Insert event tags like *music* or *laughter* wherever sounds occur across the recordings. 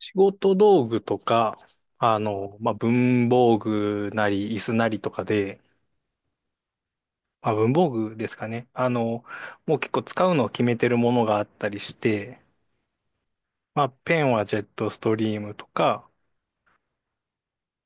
仕事道具とか、文房具なり、椅子なりとかで、まあ、文房具ですかね。もう結構使うのを決めてるものがあったりして、まあ、ペンはジェットストリームとか、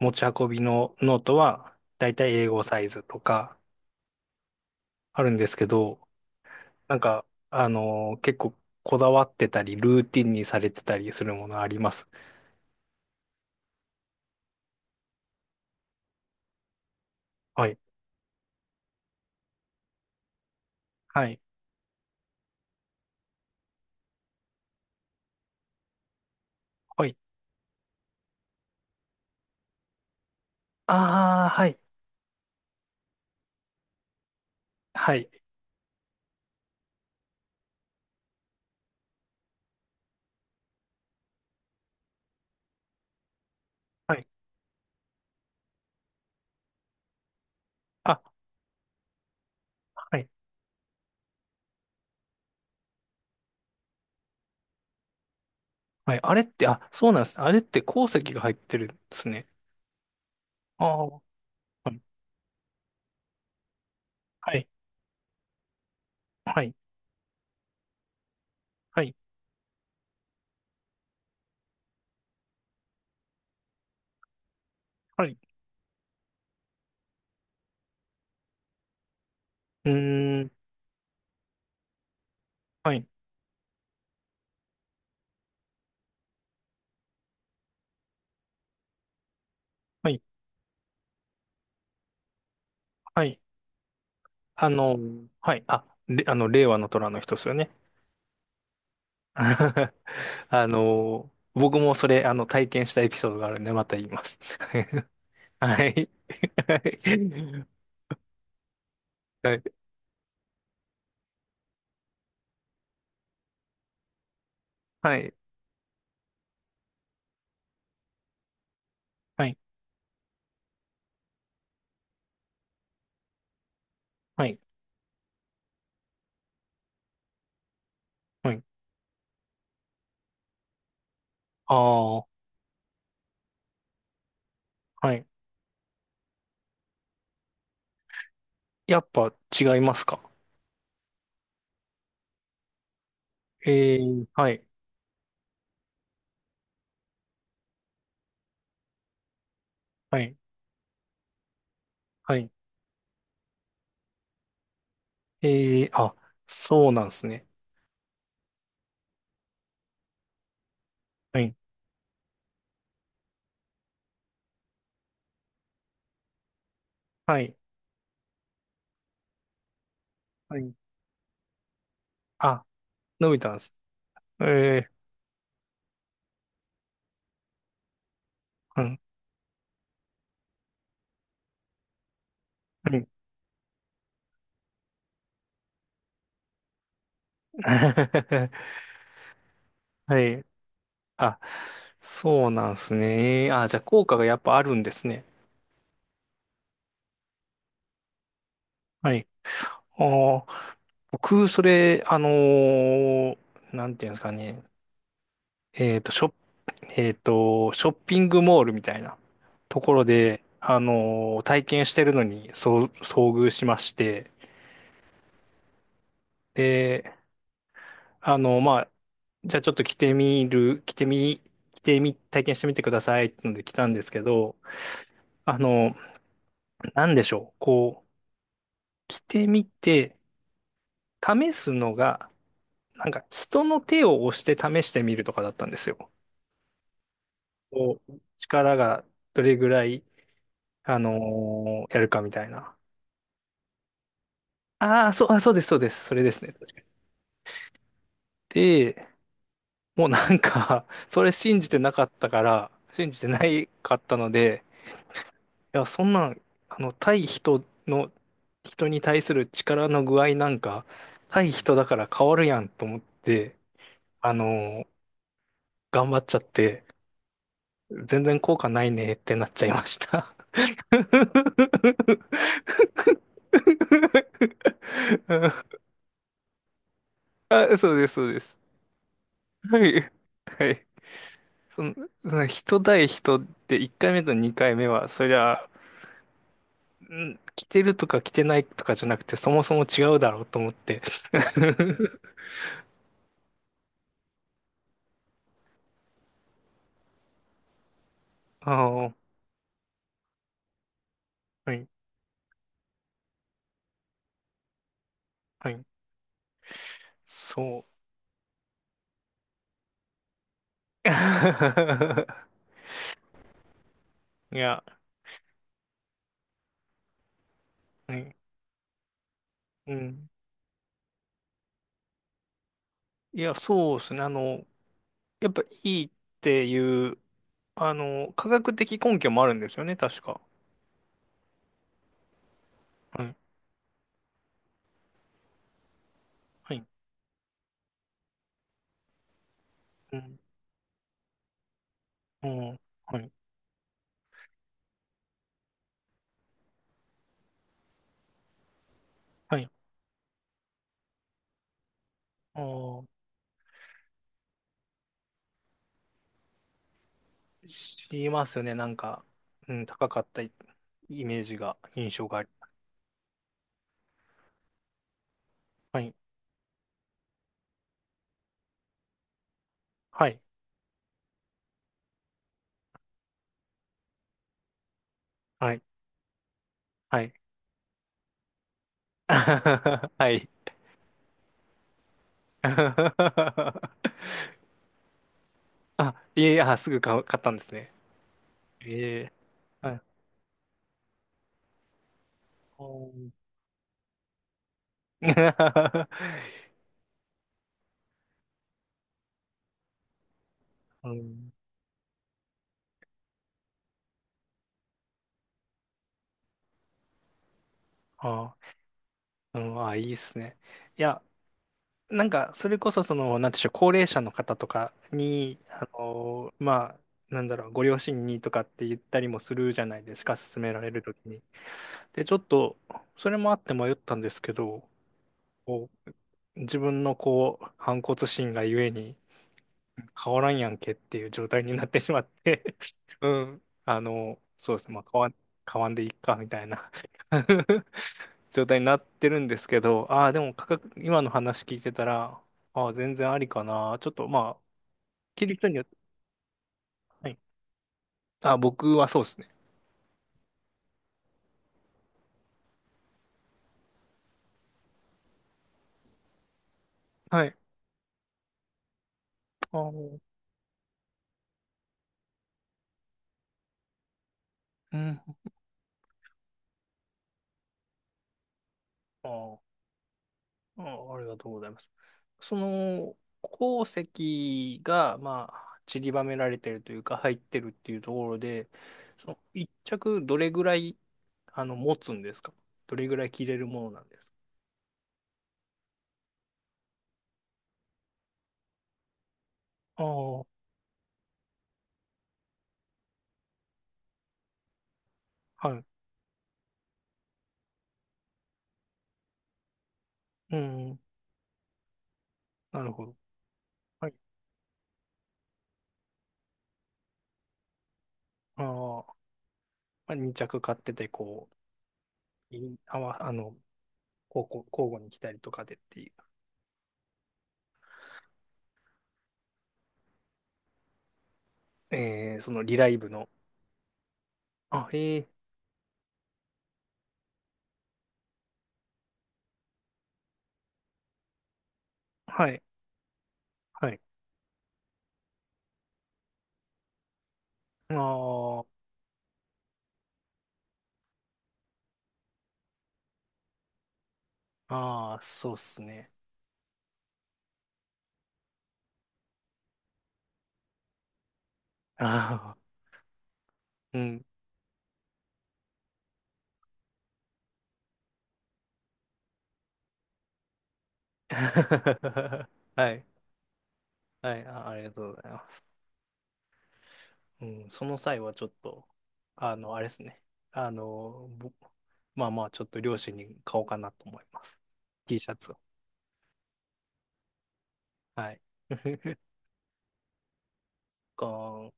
持ち運びのノートはだいたい英語サイズとかあるんですけど、結構こだわってたり、ルーティンにされてたりするものあります。はい。はい。はい。ああ、はい。はい。はい。あ、はい。はい。あれって、あ、そうなんです。あれって鉱石が入ってるんですね。ああ、はい。はい。はい。はい。はい。うーん。はい。はい。はい。あの、はい。あ、れ、あの、令和の虎の人ですよね。*laughs* あの、僕もそれ、あの、体験したエピソードがあるんで、また言います。*laughs* はい。はい。はい。はい。はい。はい。ああー、はい。やっぱ違いますか？えー、はい。はい。はい。ええ、あ、そうなんですね。はい。はい。はい。あ、伸びたんです。ええ、うん。はい。*laughs* はい。あ、そうなんですね。えー、あ、じゃあ効果がやっぱあるんですね。はい。あー、僕、それ、なんていうんですかね。えっと、ショッ、ショッピングモールみたいなところで、体験してるのに、そう、遭遇しまして、で、あの、まあ、じゃあちょっと着てみる、着てみ、着てみ、体験してみてくださいってので来たんですけど、あの、なんでしょう。こう、着てみて、試すのが、なんか人の手を押して試してみるとかだったんですよ。こう、力がどれぐらい、あのやるかみたいな。ああ、そう、あ、そうです、そうです。それですね。確かに。で、もうなんか *laughs* それ信じてなかったから、信じてないかったので、や、そんなん、あの、対人の、人に対する力の具合なんか、対人だから変わるやんと思って、あの頑張っちゃって、全然効果ないねってなっちゃいました。*laughs* あ、そうです、そうです。はい、はい。その、その人対人って1回目と2回目は、そりゃ、ん着てるとか着てないとかじゃなくて、そもそも違うだろうと思って。*laughs* ああ、はい。はい。そう。*laughs* いや、うん。うん。いや、そうですね。あの、やっぱいいっていう、あの、科学的根拠もあるんですよね、確か。はい。はい。うん。うん。はい。はい。あー、しますよね。なんか、うん、高かったイメージが、印象があり。はい。はい。はい。はい。*laughs* はい。*laughs* あ、いえいえ、あ、すぐ買う買ったんですね。ええ。はい。*laughs* うん。ああ、うん、あ、いいっすね。いや、なんか、それこそ、その、なんていうんでしょう、高齢者の方とかに、まあ、なんだろう、ご両親にとかって言ったりもするじゃないですか、勧められるときに。で、ちょっと、それもあって迷ったんですけど、こう自分の、こう、反骨心がゆえに、変わらんやんけっていう状態になってしまって *laughs* うん。あの、そうですね、まあ、変わん、変わんでいっか、みたいな *laughs* 状態になってるんですけど、ああ、でも価格、今の話聞いてたら、ああ、全然ありかな。ちょっと、まあ、着る人によって、はい。あ、僕はそうですね。はい。ああ、うん。ああ、あ、ありがとうございます。その、鉱石が、まあ、散りばめられてるというか、入ってるっていうところで、その、一着どれぐらい、あの、持つんですか？どれぐらい着れるものなんですか？ああ、はい。うん、なるほど。はい。ああ。まあ、2着買ってて、こう、いあわ、あの、交互、交互に来たりとかでっていう、えー、そのリライブの、あ、ええ、はい、はい。あー、あー、そうっすね。*laughs* ああ、うん。*laughs* はい、はい、あ、ありがとうございます。うん、その際はちょっと、あの、あれですね。あの、ぼまあまあ、ちょっと両親に買おうかなと思います。T シャツを。はい。*laughs* か、は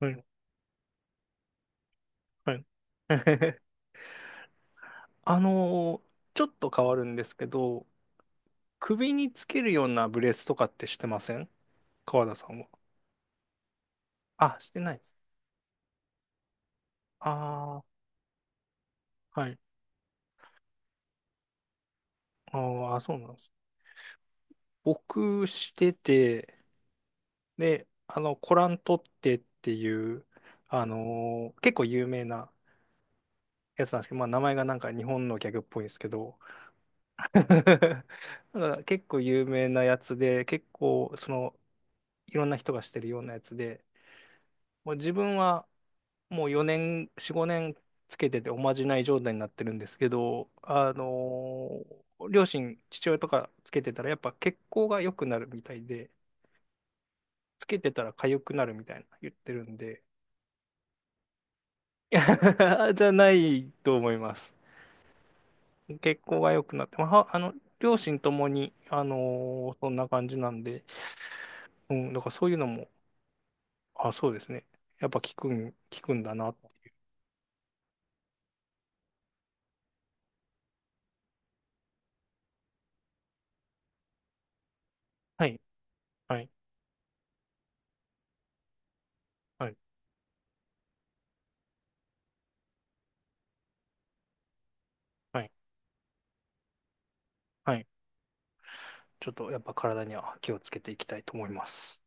い、はい。*laughs* ちょっと変わるんですけど、首につけるようなブレスとかってしてません？川田さんは。あ、してないです。ああ、はい。あー、あ、そうなんです。僕してて、で、あの、コラントってっていう、あのー結構有名なやつなんですけど、まあ名前がなんか日本のギャグっぽいんですけど、*laughs* なんか結構有名なやつで、結構その、いろんな人がしてるようなやつで、もう自分はもう4年、4、5年つけてておまじない状態になってるんですけど、あのー両親、父親とかつけてたらやっぱ血行が良くなるみたいで、つけてたら痒くなるみたいな言ってるんで、いや *laughs* じゃないと思います。血行が良くなって、まあ、は、あの、両親ともに、あのーそんな感じなんで、うん、だからそういうのも、あ、そうですね。やっぱ効くんだなって。はい、はい、はい、はい。はい、ちょっとやっぱ体には気をつけていきたいと思います。